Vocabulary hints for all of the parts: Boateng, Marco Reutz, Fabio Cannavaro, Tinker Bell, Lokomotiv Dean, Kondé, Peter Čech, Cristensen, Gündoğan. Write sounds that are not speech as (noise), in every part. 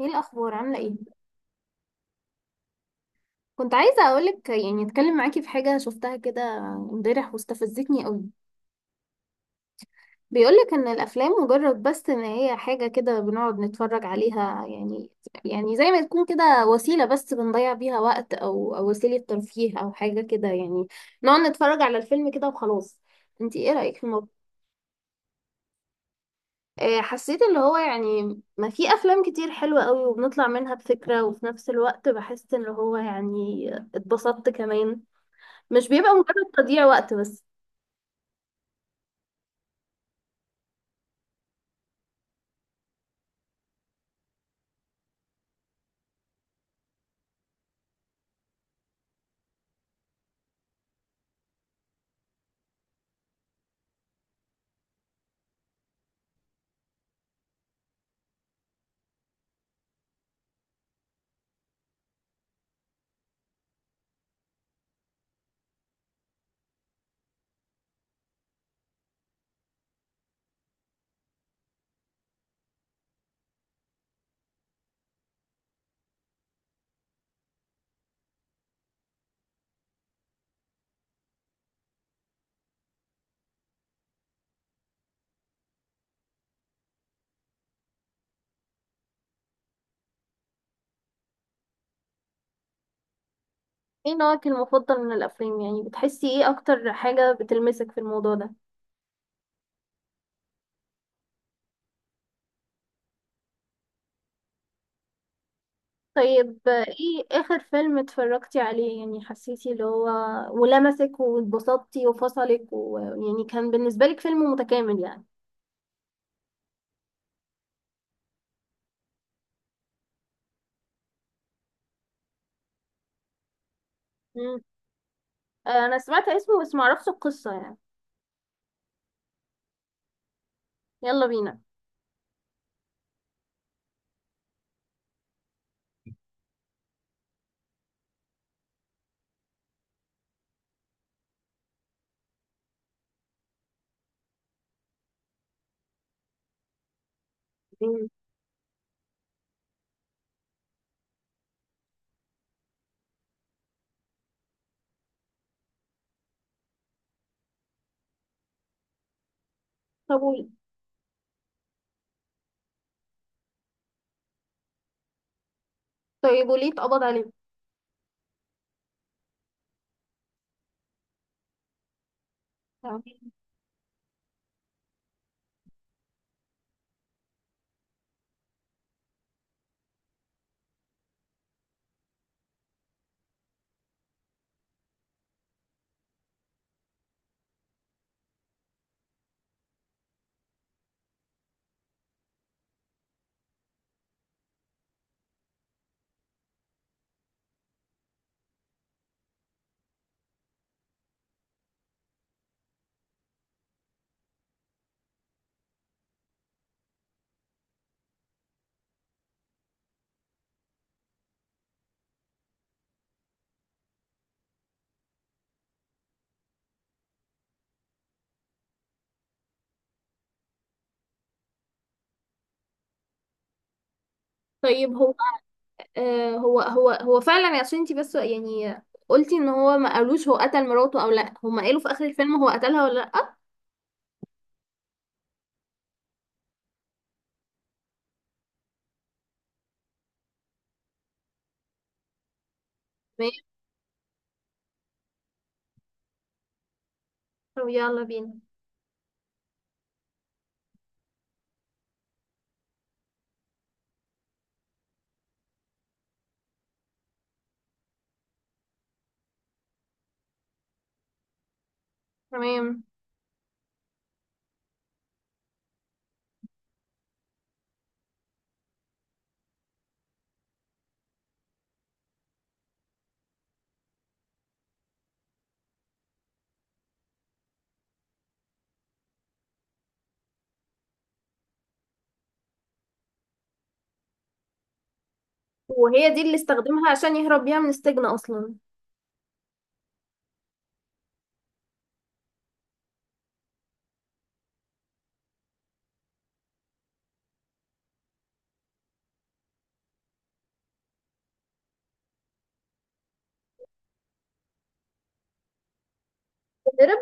ايه الاخبار عامله ايه؟ كنت عايزه اقولك يعني اتكلم معاكي في حاجه شفتها كده امبارح واستفزتني قوي. بيقولك ان الافلام مجرد بس ان هي حاجه كده بنقعد نتفرج عليها يعني. يعني زي ما تكون كده وسيله بس بنضيع بيها وقت او وسيله ترفيه او حاجه كده يعني. نقعد نتفرج على الفيلم كده وخلاص. انتي ايه رايك في الموضوع؟ حسيت اللي هو يعني ما في افلام كتير حلوه قوي وبنطلع منها بفكره وفي نفس الوقت بحس ان هو يعني اتبسطت كمان. مش بيبقى مجرد تضييع وقت بس. ايه نوعك المفضل من الافلام؟ يعني بتحسي ايه اكتر حاجة بتلمسك في الموضوع ده؟ طيب ايه اخر فيلم اتفرجتي عليه يعني حسيتي اللي هو ولمسك واتبسطتي وفصلك ويعني كان بالنسبة لك فيلم متكامل يعني؟ مم. انا سمعت اسمه بس معرفش القصة يعني. يلا بينا. مم. طب قولي، طيب وليه اتقبض عليه؟ تمام. طيب هو هو فعلا عشان انتي بس يعني قلتي ان هو ما قالوش هو قتل مراته او لا، هما قالوا في اخر الفيلم هو قتلها ولا لا؟ تمام. طب يلا بينا. تمام. وهي دي اللي استخدمها عشان يهرب بيها من السجن اصلا؟ هرب.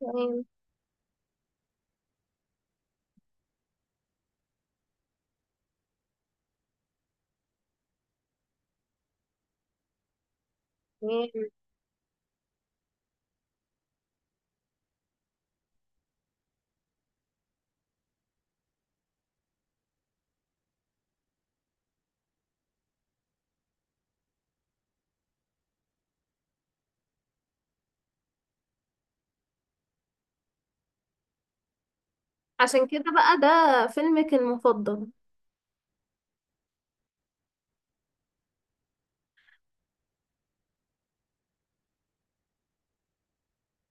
تمام، تمام. عشان كده بقى ده فيلمك المفضل؟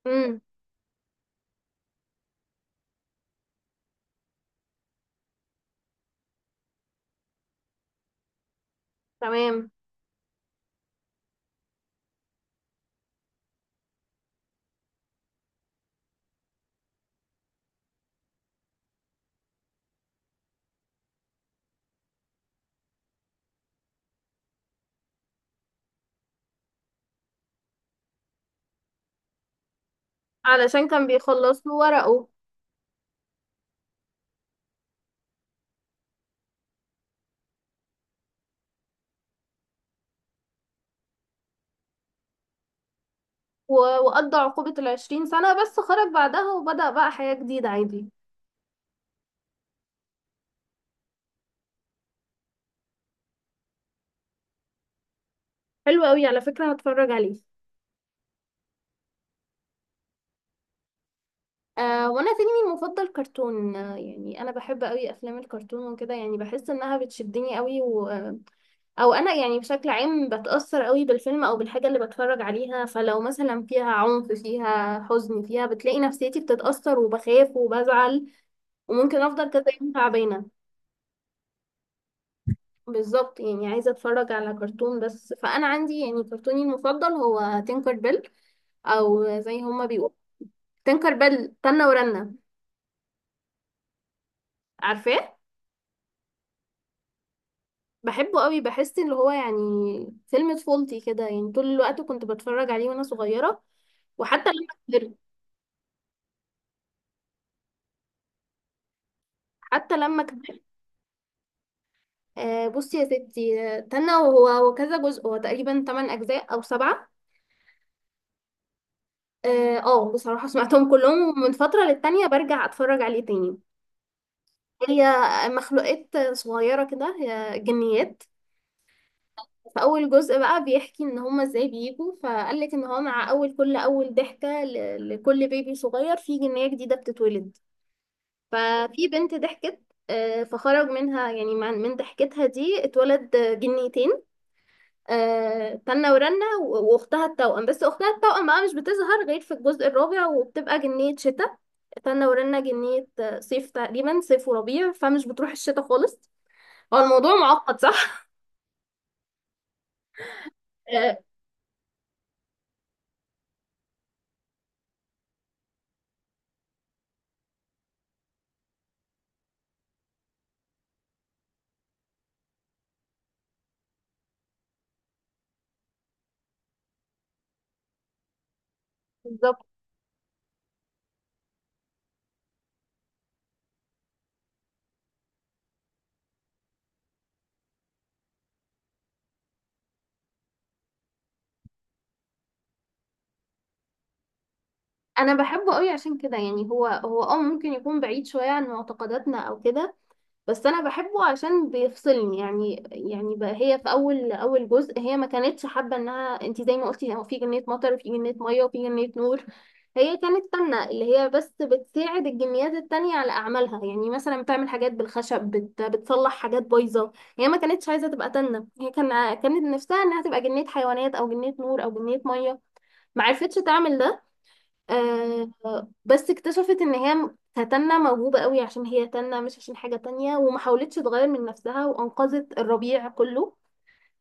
امم. تمام، علشان كان بيخلص له ورقه. و- وقضى عقوبة العشرين سنة بس خرج بعدها وبدأ بقى حياة جديدة عادي؟ حلو قوي، على فكرة هتفرج عليه. آه، وانا فيلمي المفضل كرتون. يعني انا بحب قوي افلام الكرتون وكده، يعني بحس انها بتشدني قوي و... آه، او انا يعني بشكل عام بتاثر قوي بالفيلم او بالحاجه اللي بتفرج عليها. فلو مثلا فيها عنف، فيها حزن، فيها بتلاقي نفسيتي بتتاثر وبخاف وبزعل، وممكن افضل كذا يوم تعبانه. بالظبط، يعني عايزه اتفرج على كرتون بس. فانا عندي يعني كرتوني المفضل هو تينكر بيل، او زي هما بيقولوا تينكر بيل تنة ورنة. عارفاه؟ بحبه قوي، بحس ان هو يعني فيلم طفولتي كده. يعني طول الوقت كنت بتفرج عليه وانا صغيرة، وحتى لما كبرت. حتى لما كبرت آه بصي يا ستي. تنى، وهو كذا جزء، هو تقريبا 8 اجزاء او سبعة. بصراحة سمعتهم كلهم، ومن فترة للتانية برجع اتفرج عليه تاني. هي مخلوقات صغيرة كده، هي جنيات. فأول جزء بقى بيحكي إن هما إزاي بيجوا. فقالك إن هو مع كل أول ضحكة لكل بيبي صغير في جنية جديدة بتتولد. ففي بنت ضحكت، فخرج منها يعني من ضحكتها دي اتولد جنيتين، تنة ورنة واختها التوأم. بس اختها التوأم بقى مش بتظهر غير في الجزء الرابع وبتبقى جنية شتاء. تنة ورنة جنية صيف تقريبا، صيف وربيع، فمش بتروح الشتاء خالص. هو الموضوع معقد صح؟ (laughs) آه، بالظبط. انا بحبه قوي عشان كده. يعني هو ممكن يكون بعيد شوية عن معتقداتنا او كده، بس انا بحبه عشان بيفصلني. يعني بقى هي في اول جزء هي ما كانتش حابه انها، انت زي ما قلتي هو في جنيه مطر وفي جنيه ميه وفي جنيه نور، هي كانت تنة اللي هي بس بتساعد الجنيات التانية على أعمالها. يعني مثلا بتعمل حاجات بالخشب، بتصلح حاجات بايظة. هي ما كانتش عايزة تبقى تنة، هي كانت نفسها إنها تبقى جنية حيوانات أو جنية نور أو جنية مية. ما عرفتش تعمل ده. آه بس اكتشفت ان هي كتنة موهوبة قوي عشان هي تنة، مش عشان حاجة تانية، وما حاولتش تغير من نفسها وانقذت الربيع كله.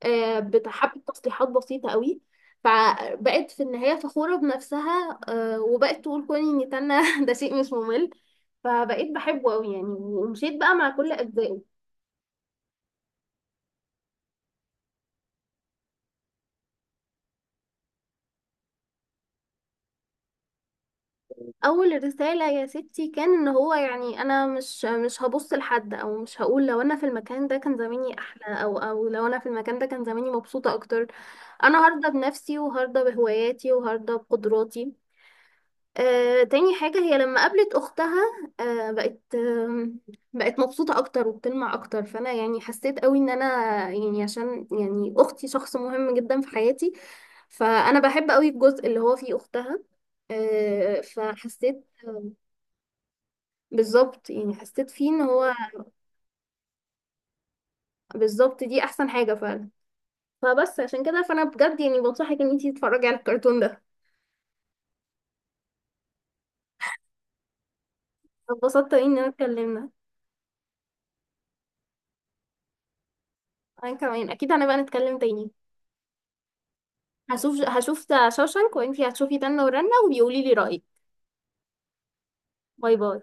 بحبة تصليحات بسيطة قوي. فبقت في النهاية فخورة بنفسها، وبقت تقول كوني اني تنة (laughs) ده شيء مش ممل. فبقيت بحبه قوي يعني، ومشيت بقى مع كل اجزائه. اول رسالة يا ستي كان ان هو يعني انا مش هبص لحد، او مش هقول لو انا في المكان ده كان زماني احلى، او لو انا في المكان ده كان زماني مبسوطة اكتر. انا هرضى بنفسي وهرضى بهواياتي وهرضى بقدراتي. تاني حاجة هي لما قابلت اختها، بقت بقت مبسوطة اكتر وبتلمع اكتر. فانا يعني حسيت قوي ان انا، يعني عشان يعني اختي شخص مهم جدا في حياتي، فانا بحب قوي الجزء اللي هو فيه اختها. فحسيت، بالظبط، يعني حسيت فيه ان هو بالظبط دي احسن حاجة فعلا. فبس عشان كده فانا بجد يعني بنصحك ان انتي تتفرجي على الكرتون ده. اتبسطت أوي ان انا اتكلمنا. انا كمان اكيد هنبقى نتكلم تاني. هشوف هشوف شوشانك، وانتي هتشوفي تنة ورنة وبيقولي لي رأيك. باي باي.